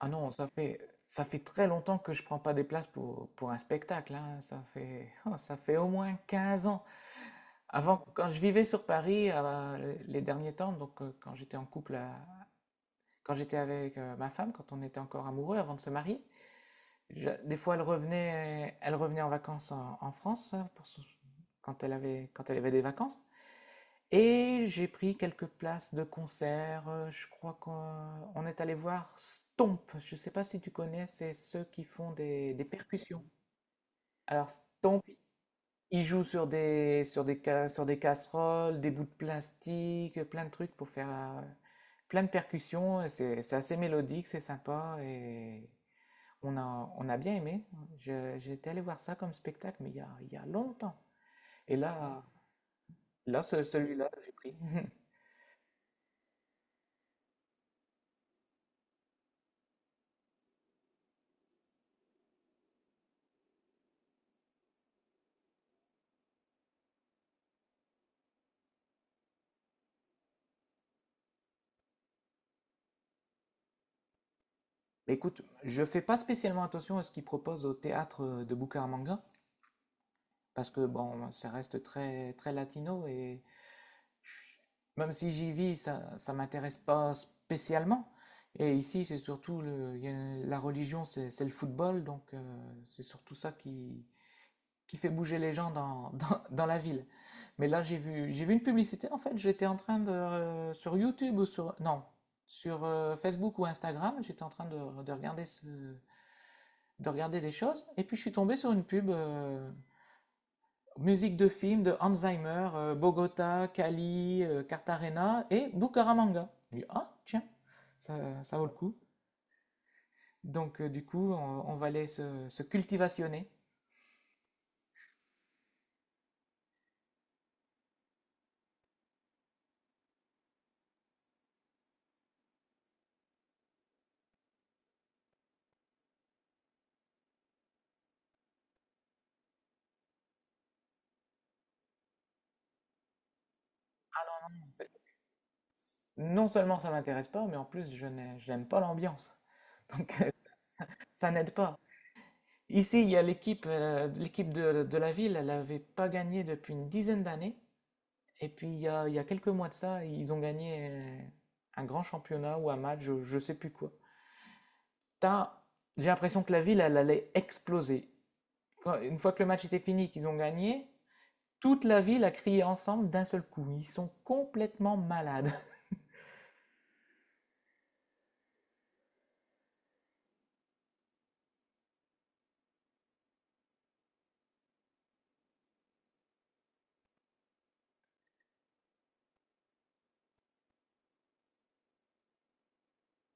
Ah non, ça fait très longtemps que je prends pas des places pour un spectacle, hein. Ça fait, ça fait au moins 15 ans. Avant, quand je vivais sur Paris, les derniers temps, donc quand j'étais en couple, quand j'étais avec ma femme, quand on était encore amoureux avant de se marier, des fois elle revenait en vacances en, en France hein, quand quand elle avait des vacances. Et j'ai pris quelques places de concert. Je crois qu'on est allé voir Stomp. Je ne sais pas si tu connais, c'est ceux qui font des percussions. Alors Stomp, ils jouent sur des, sur des, sur des casseroles, des bouts de plastique, plein de trucs pour faire plein de percussions. C'est assez mélodique, c'est sympa et on a bien aimé. J'étais allé voir ça comme spectacle, mais il y a longtemps. Et là, celui-là, j'ai pris. Bah, écoute, je fais pas spécialement attention à ce qu'ils proposent au théâtre de Bucaramanga, parce que bon, ça reste très très latino et je- même si j'y vis, ça m'intéresse pas spécialement. Et ici, c'est surtout le, il y a- la religion, c'est le football, donc c'est surtout ça qui fait bouger les gens dans, dans, dans la ville. Mais là, j'ai vu une publicité. En fait, j'étais en train de sur YouTube ou sur non sur Facebook ou Instagram, j'étais en train de regarder ce de regarder des choses. Et puis je suis tombé sur une pub musique de film de Hans Zimmer, Bogota, Cali, Cartagena et Bucaramanga. Je me dis, ah, tiens, ça vaut le coup. Donc du coup, on va aller se cultivationner. C'est- Non seulement ça m'intéresse pas, mais en plus, je n'aime pas l'ambiance. Donc ça, ça n'aide pas. Ici, il y a l'équipe, l'équipe de la ville, elle n'avait pas gagné depuis une dizaine d'années. Et puis il y a quelques mois de ça, ils ont gagné un grand championnat ou un match, je sais plus quoi. T'as- J'ai l'impression que la ville, elle allait exploser. Une fois que le match était fini, qu'ils ont gagné, toute la ville a crié ensemble d'un seul coup. Ils sont complètement malades.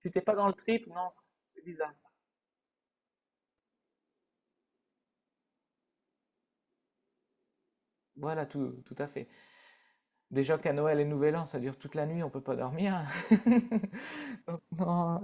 C'était pas dans le trip, non, c'est bizarre. Voilà, tout, tout à fait. Déjà qu'à Noël et Nouvel An, ça dure toute la nuit, on peut pas dormir. Non,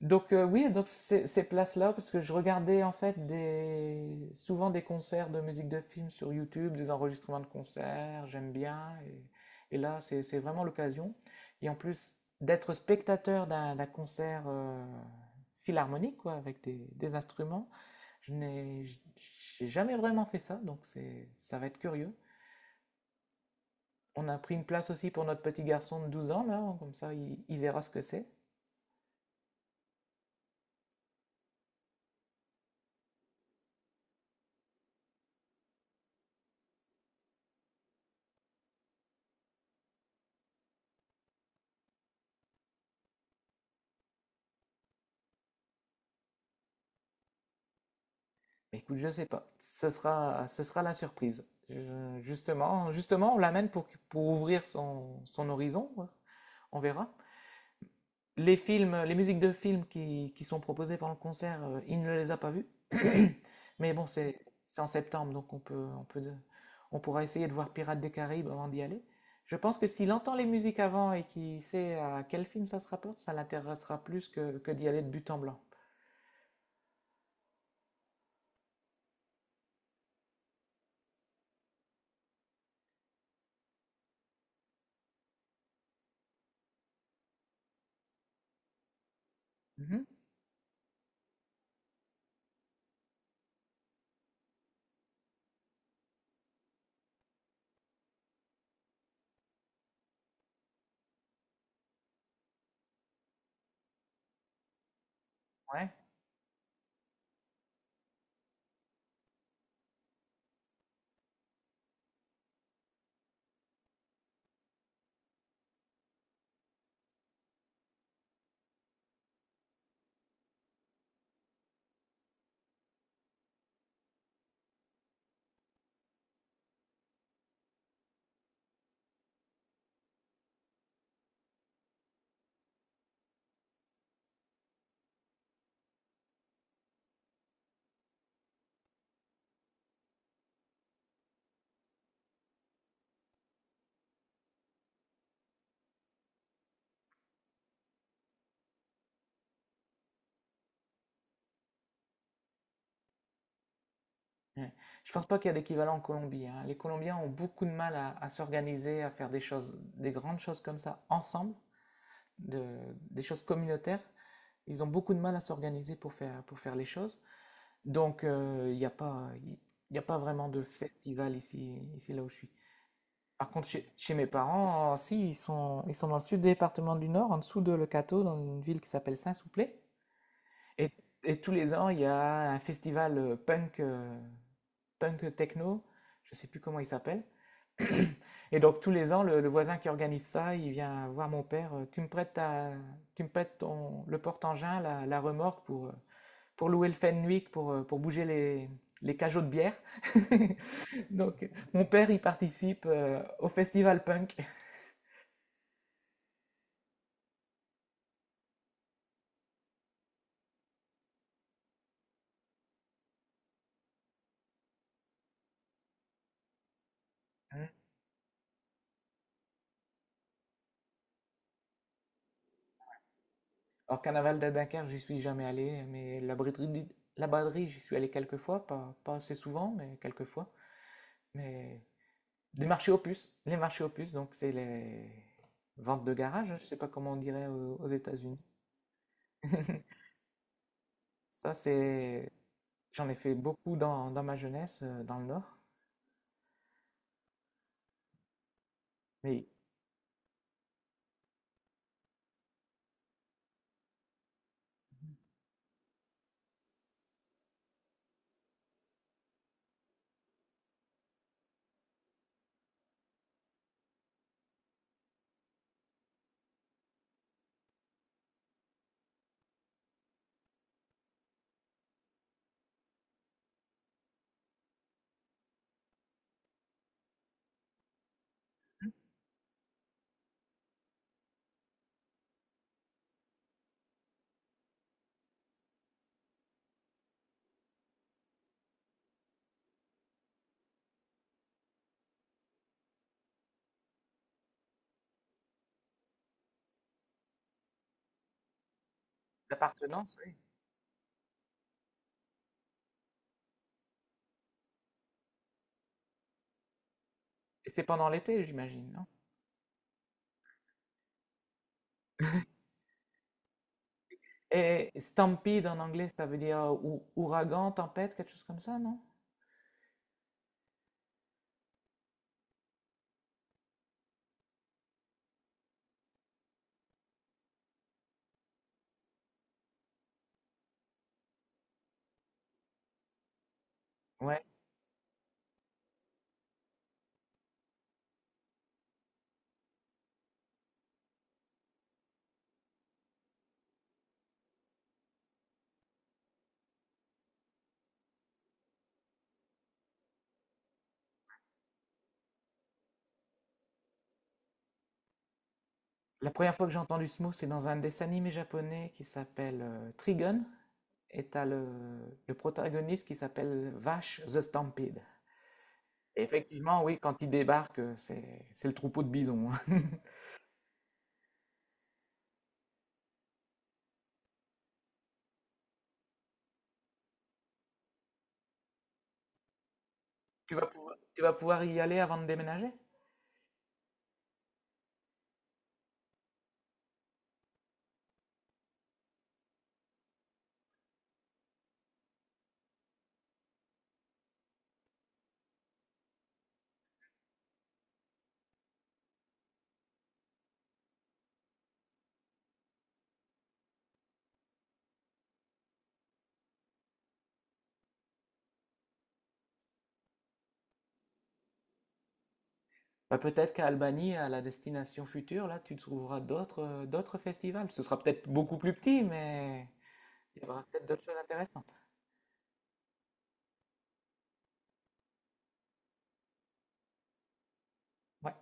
donc oui, donc ces, ces places-là, parce que je regardais en fait des, souvent des concerts de musique de film sur YouTube, des enregistrements de concerts, j'aime bien. Et là, c'est vraiment l'occasion. Et en plus, d'être spectateur d'un concert philharmonique, quoi, avec des instruments, je n'ai j- j'ai jamais vraiment fait ça, donc c'est, ça va être curieux. On a pris une place aussi pour notre petit garçon de 12 ans, là, comme ça, il verra ce que c'est. Mais écoute, je sais pas. Ce sera la surprise. Justement, on l'amène pour ouvrir son, son horizon. Ouais. On verra. Les films, les musiques de films qui sont proposées pendant le concert, il ne les a pas vues. Mais bon, c'est en septembre, donc on peut, on peut, on pourra essayer de voir Pirates des Caraïbes avant d'y aller. Je pense que s'il entend les musiques avant et qu'il sait à quel film ça se rapporte, ça l'intéressera plus que d'y aller de but en blanc. Mhm. Ouais. Ouais. Je pense pas qu'il y a d'équivalent en Colombie, hein. Les Colombiens ont beaucoup de mal à s'organiser, à faire des choses, des grandes choses comme ça ensemble, de- des choses communautaires. Ils ont beaucoup de mal à s'organiser pour faire les choses. Donc, il n'y a pas, il y a pas vraiment de festival ici, ici là où je suis. Par contre, chez, chez mes parents, si, ils sont dans le sud du département du Nord, en dessous de Lecato, dans une ville qui s'appelle Saint-Souplé. Et, et tous les ans, il y a un festival punk. Punk techno, je ne sais plus comment il s'appelle. Et donc tous les ans, le voisin qui organise ça, il vient voir mon père. Tu me prêtes, le porte-engin, la remorque pour louer le Fenwick, pour bouger les cajots de bière. Donc mon père, il participe au festival punk. Hein. Alors Carnaval de Dunkerque, j'y suis jamais allé, mais la braderie, j'y suis allé quelques fois, pas, pas assez souvent, mais quelques fois. Mais des marchés aux puces. Les marchés aux puces, donc c'est les ventes de garage, je ne sais pas comment on dirait aux États-Unis. Ça, c'est... J'en ai fait beaucoup dans, dans ma jeunesse, dans le Nord. Mais l'appartenance, oui. Et c'est pendant l'été, j'imagine, non? Et stampede en anglais, ça veut dire ouragan, tempête, quelque chose comme ça, non? Ouais. La première fois que j'ai entendu ce mot, c'est dans un dessin animé japonais qui s'appelle Trigun. Et t'as le protagoniste qui s'appelle Vache the Stampede. Et effectivement, oui, quand ils débarquent, c'est le troupeau de bisons. Hein. Tu vas pouvoir y aller avant de déménager? Bah, peut-être qu'à Albanie, à la destination future, là, tu trouveras d'autres d'autres festivals. Ce sera peut-être beaucoup plus petit, mais il y aura peut-être d'autres choses intéressantes. Ouais.